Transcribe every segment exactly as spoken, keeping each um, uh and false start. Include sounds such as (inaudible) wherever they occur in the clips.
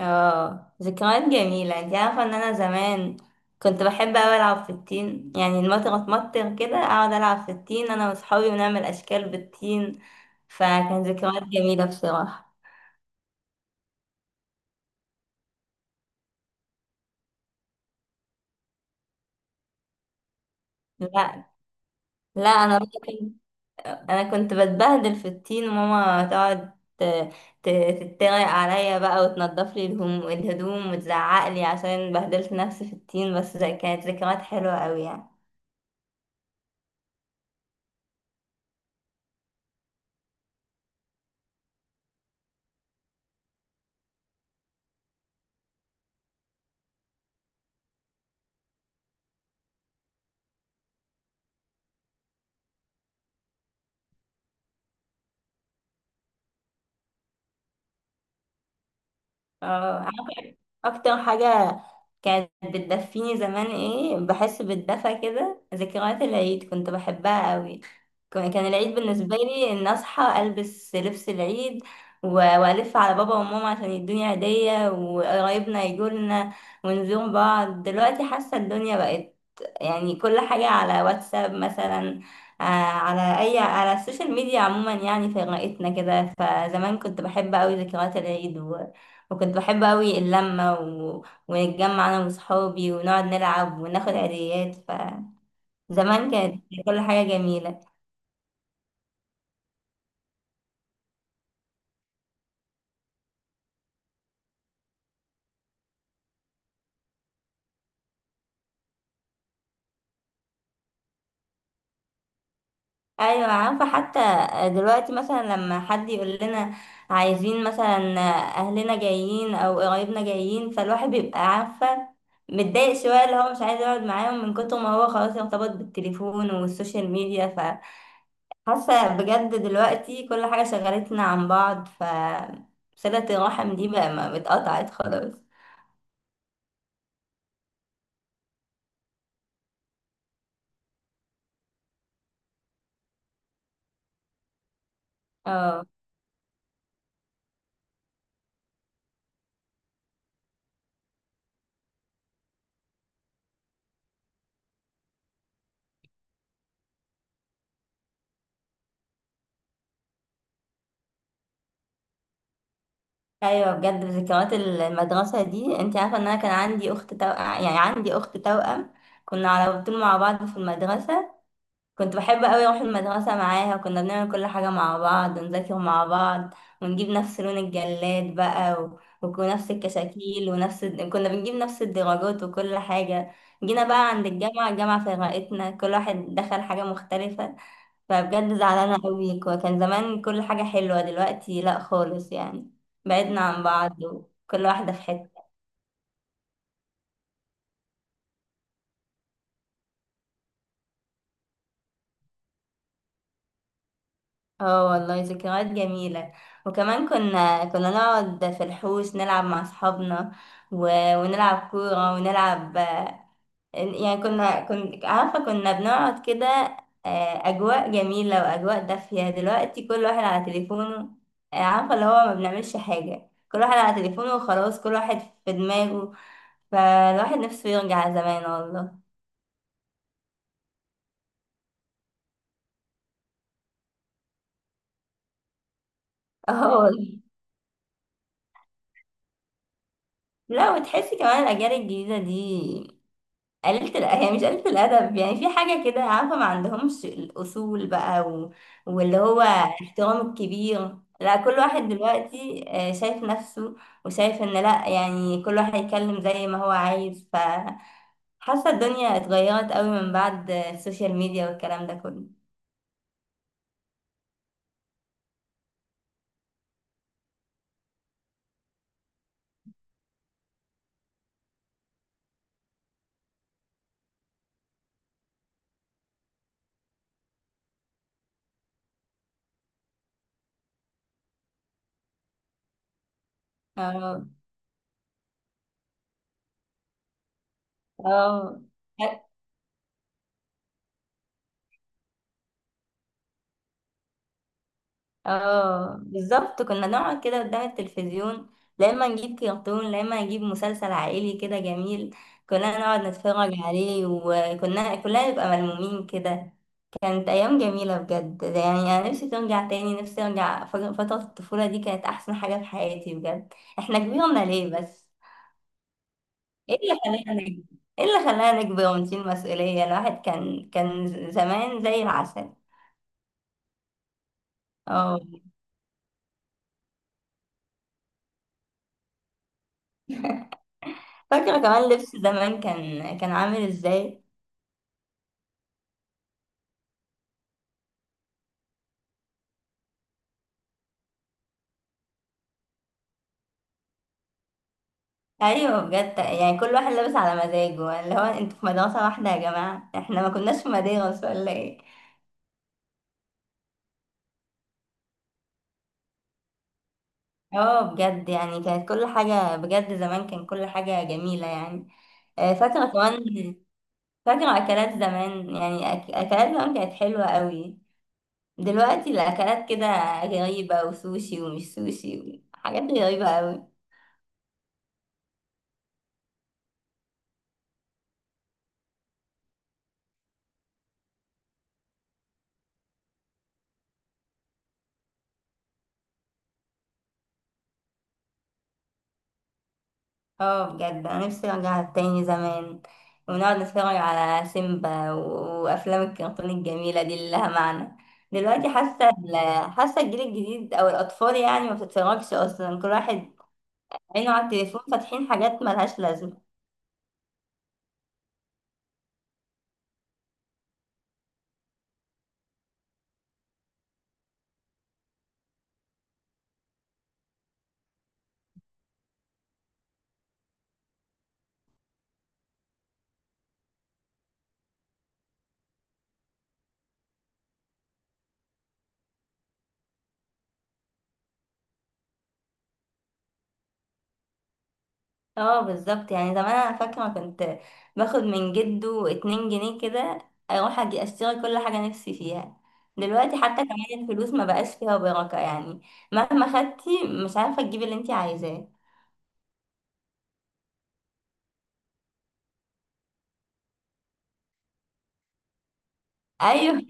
اه، ذكريات جميلة. انت عارفة ان انا زمان كنت بحب اوي العب في الطين. يعني المطر اتمطر كده اقعد العب في الطين انا واصحابي ونعمل اشكال بالطين. فكان ذكريات جميلة بصراحة. لا. لا، انا بقى كنت- انا كنت بتبهدل في الطين وماما تقعد ت- ت- تتريق عليا بقى وتنضف لي الهم- الهدوم وتزعق لي عشان بهدلت نفسي في الطين. بس ده كانت ذكريات حلوة اوي يعني. اه، اكتر حاجة كانت بتدفيني زمان ايه بحس بالدفى كده ذكريات العيد. كنت بحبها قوي. كان كان العيد بالنسبة لي ان اصحى البس لبس العيد و- والف على بابا وماما عشان يدوني هدية وقرايبنا يجولنا ونزور بعض. دلوقتي حاسة الدنيا بقت، يعني كل حاجة على واتساب مثلا. آه، على اي على السوشيال ميديا عموما، يعني في رقتنا كده. فزمان كنت بحب قوي ذكريات العيد، وكنت بحب أوي اللمة و... ونتجمع أنا وصحابي ونقعد نلعب وناخد عيديات. فزمان كانت كل حاجة جميلة. أيوة، عارفة، حتى دلوقتي مثلا لما حد يقول لنا عايزين مثلا أهلنا جايين أو قرايبنا جايين، فالواحد بيبقى عارفة متضايق شوية، اللي هو مش عايز يقعد معاهم من كتر ما هو خلاص ارتبط بالتليفون والسوشيال ميديا. فحاسة بجد دلوقتي كل حاجة شغلتنا عن بعض، ف صلة الرحم دي بقى ما اتقطعت خلاص. اه، ايوه بجد ذكريات المدرسه دي. انت عارفه ان انا كان عندي اخت توأم، يعني عندي اخت توأم. كنا على طول مع بعض في المدرسه. كنت بحب قوي اروح المدرسه معاها، وكنا بنعمل كل حاجه مع بعض ونذاكر مع بعض. ونجيب نفس لون الجلاد بقى و... ونفس الكشاكيل ونفس الد- كنا بنجيب نفس الدرجات وكل حاجه. جينا بقى عند الجامعه، الجامعه فرقتنا، كل واحد دخل حاجه مختلفه. فبجد زعلانة قوي. كو- كان زمان كل حاجة حلوة، دلوقتي لا خالص يعني. بعدنا عن بعض وكل واحدة في حتة. اه والله ذكريات جميلة. وكمان كنا كنا نقعد في الحوش نلعب مع أصحابنا و... ونلعب كورة ونلعب. يعني كنا كنت عارفة كنا بنقعد كده. آه، أجواء جميلة وأجواء دافية. دلوقتي كل واحد على تليفونه. آه، عارفة اللي هو ما بنعملش حاجة، كل واحد على تليفونه وخلاص، كل واحد في دماغه. فالواحد نفسه يرجع زمان والله. (laughs) اه والله. لا، وتحسي كمان الأجيال الجديدة دي قليلة الأ- هي مش قليلة الأدب يعني، في حاجة كده عارفة، ما عندهمش الأصول بقى و... واللي هو احترام الكبير. لا كل واحد دلوقتي آه، شايف نفسه، وشايف إن لا يعني كل واحد يتكلم زي ما هو عايز. فحاسة الدنيا اتغيرت قوي من بعد السوشيال ميديا والكلام ده كله. اه، اه، اه، بالظبط كنا نقعد كده قدام التلفزيون. لا اما نجيب كرتون، لا اما نجيب مسلسل عائلي كده جميل. كنا نقعد نتفرج عليه، وكنا كلنا نبقى ملمومين كده. كانت ايام جميله بجد يعني. انا نفسي ترجع تاني، نفسي ارجع فج- فتره الطفوله دي كانت احسن حاجه في حياتي. بجد احنا كبرنا ليه بس؟ ايه اللي خلانا نكبر؟ ايه اللي خلانا نكبر ونشيل مسؤوليه؟ الواحد كان كان زمان زي العسل. اه، فاكره كمان لبس زمان كان كان عامل ازاي. ايوه بجد، يعني كل واحد لابس على مزاجه، اللي هو انتوا في مدرسه واحده يا جماعه، احنا ما كناش في مدارس ولا ايه؟ اه بجد، يعني كانت كل حاجه، بجد زمان كان كل حاجه جميله يعني. آه، فاكره كمان. فاكره اكلات زمان، يعني أك- اكلات زمان كانت حلوه قوي. دلوقتي الاكلات كده غريبه، وسوشي ومش سوشي وحاجات غريبه قوي. اه بجد انا نفسي ارجع تاني زمان، ونقعد نتفرج على سيمبا و- وافلام الكرتون الجميله دي اللي لها معنى. دلوقتي حاسه ال- حاسه الجيل الجديد او الاطفال يعني ما بتتفرجش اصلا، كل واحد عينه على التليفون فاتحين حاجات ملهاش لازمه. اه بالظبط، يعني زمان انا فاكره كنت باخد من جده اتنين جنيه كده، اروح اجي اشتري كل حاجه نفسي فيها. دلوقتي حتى كمان الفلوس ما بقاش فيها بركه يعني، مهما خدتي مش عارفه تجيبي اللي انت عايزاه. ايوه،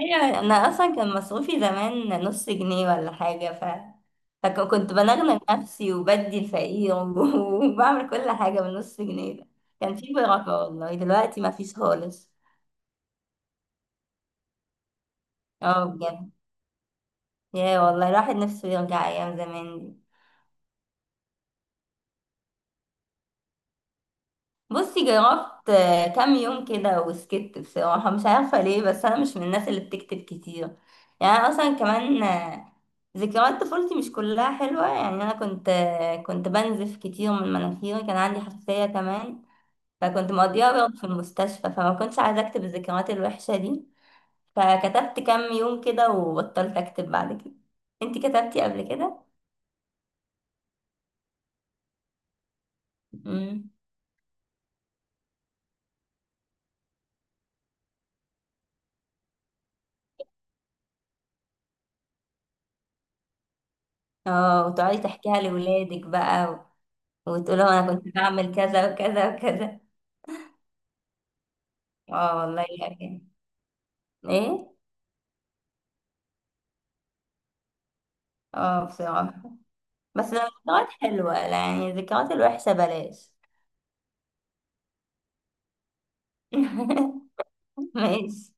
ايوه، انا اصلا كان مصروفي زمان نص جنيه ولا حاجه. ف فكنت بنغنى نفسي وبدي الفقير (laughs) وبعمل كل حاجه بنص جنيه ده. كان في بركه والله، دلوقتي ما فيش خالص. اه بجد. يا والله الواحد نفسه يرجع ايام زمان دي. بصي جربت، آه، كام يوم كده وسكت بصراحة. مش عارفة ليه، بس أنا مش من الناس اللي بتكتب كتير يعني. أنا أصلا كمان آه، ذكريات طفولتي مش كلها حلوة يعني. أنا كنت آه، كنت بنزف كتير من مناخيري، كان عندي حساسية كمان. فكنت مقضيها برضه في المستشفى، فما كنتش عايزة أكتب الذكريات الوحشة دي. فكتبت كام يوم كده وبطلت أكتب بعد كده. انتي كتبتي قبل كده؟ مم. اه، وتقعدي تحكيها لأولادك بقى، وتقولوا أنا كنت بعمل كذا وكذا وكذا. اه والله يعني. ايه. اه بصراحة. بس الذكريات حلوة، يعني الذكريات الوحشة بلاش. (laughs) ماشي.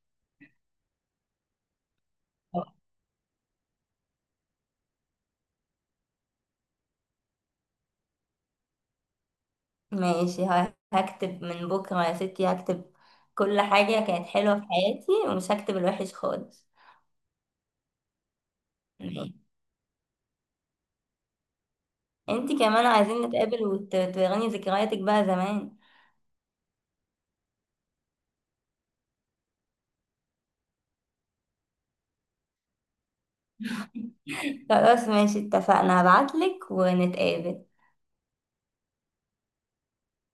ماشي، ه- هكتب من بكرة يا ستي. هكتب كل حاجة كانت حلوة في حياتي ومش هكتب الوحش خالص. ماشي. انتي كمان عايزين نتقابل وتوريني ذكرياتك بقى زمان. (laughs) خلاص ماشي اتفقنا، هبعتلك ونتقابل.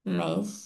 ماشي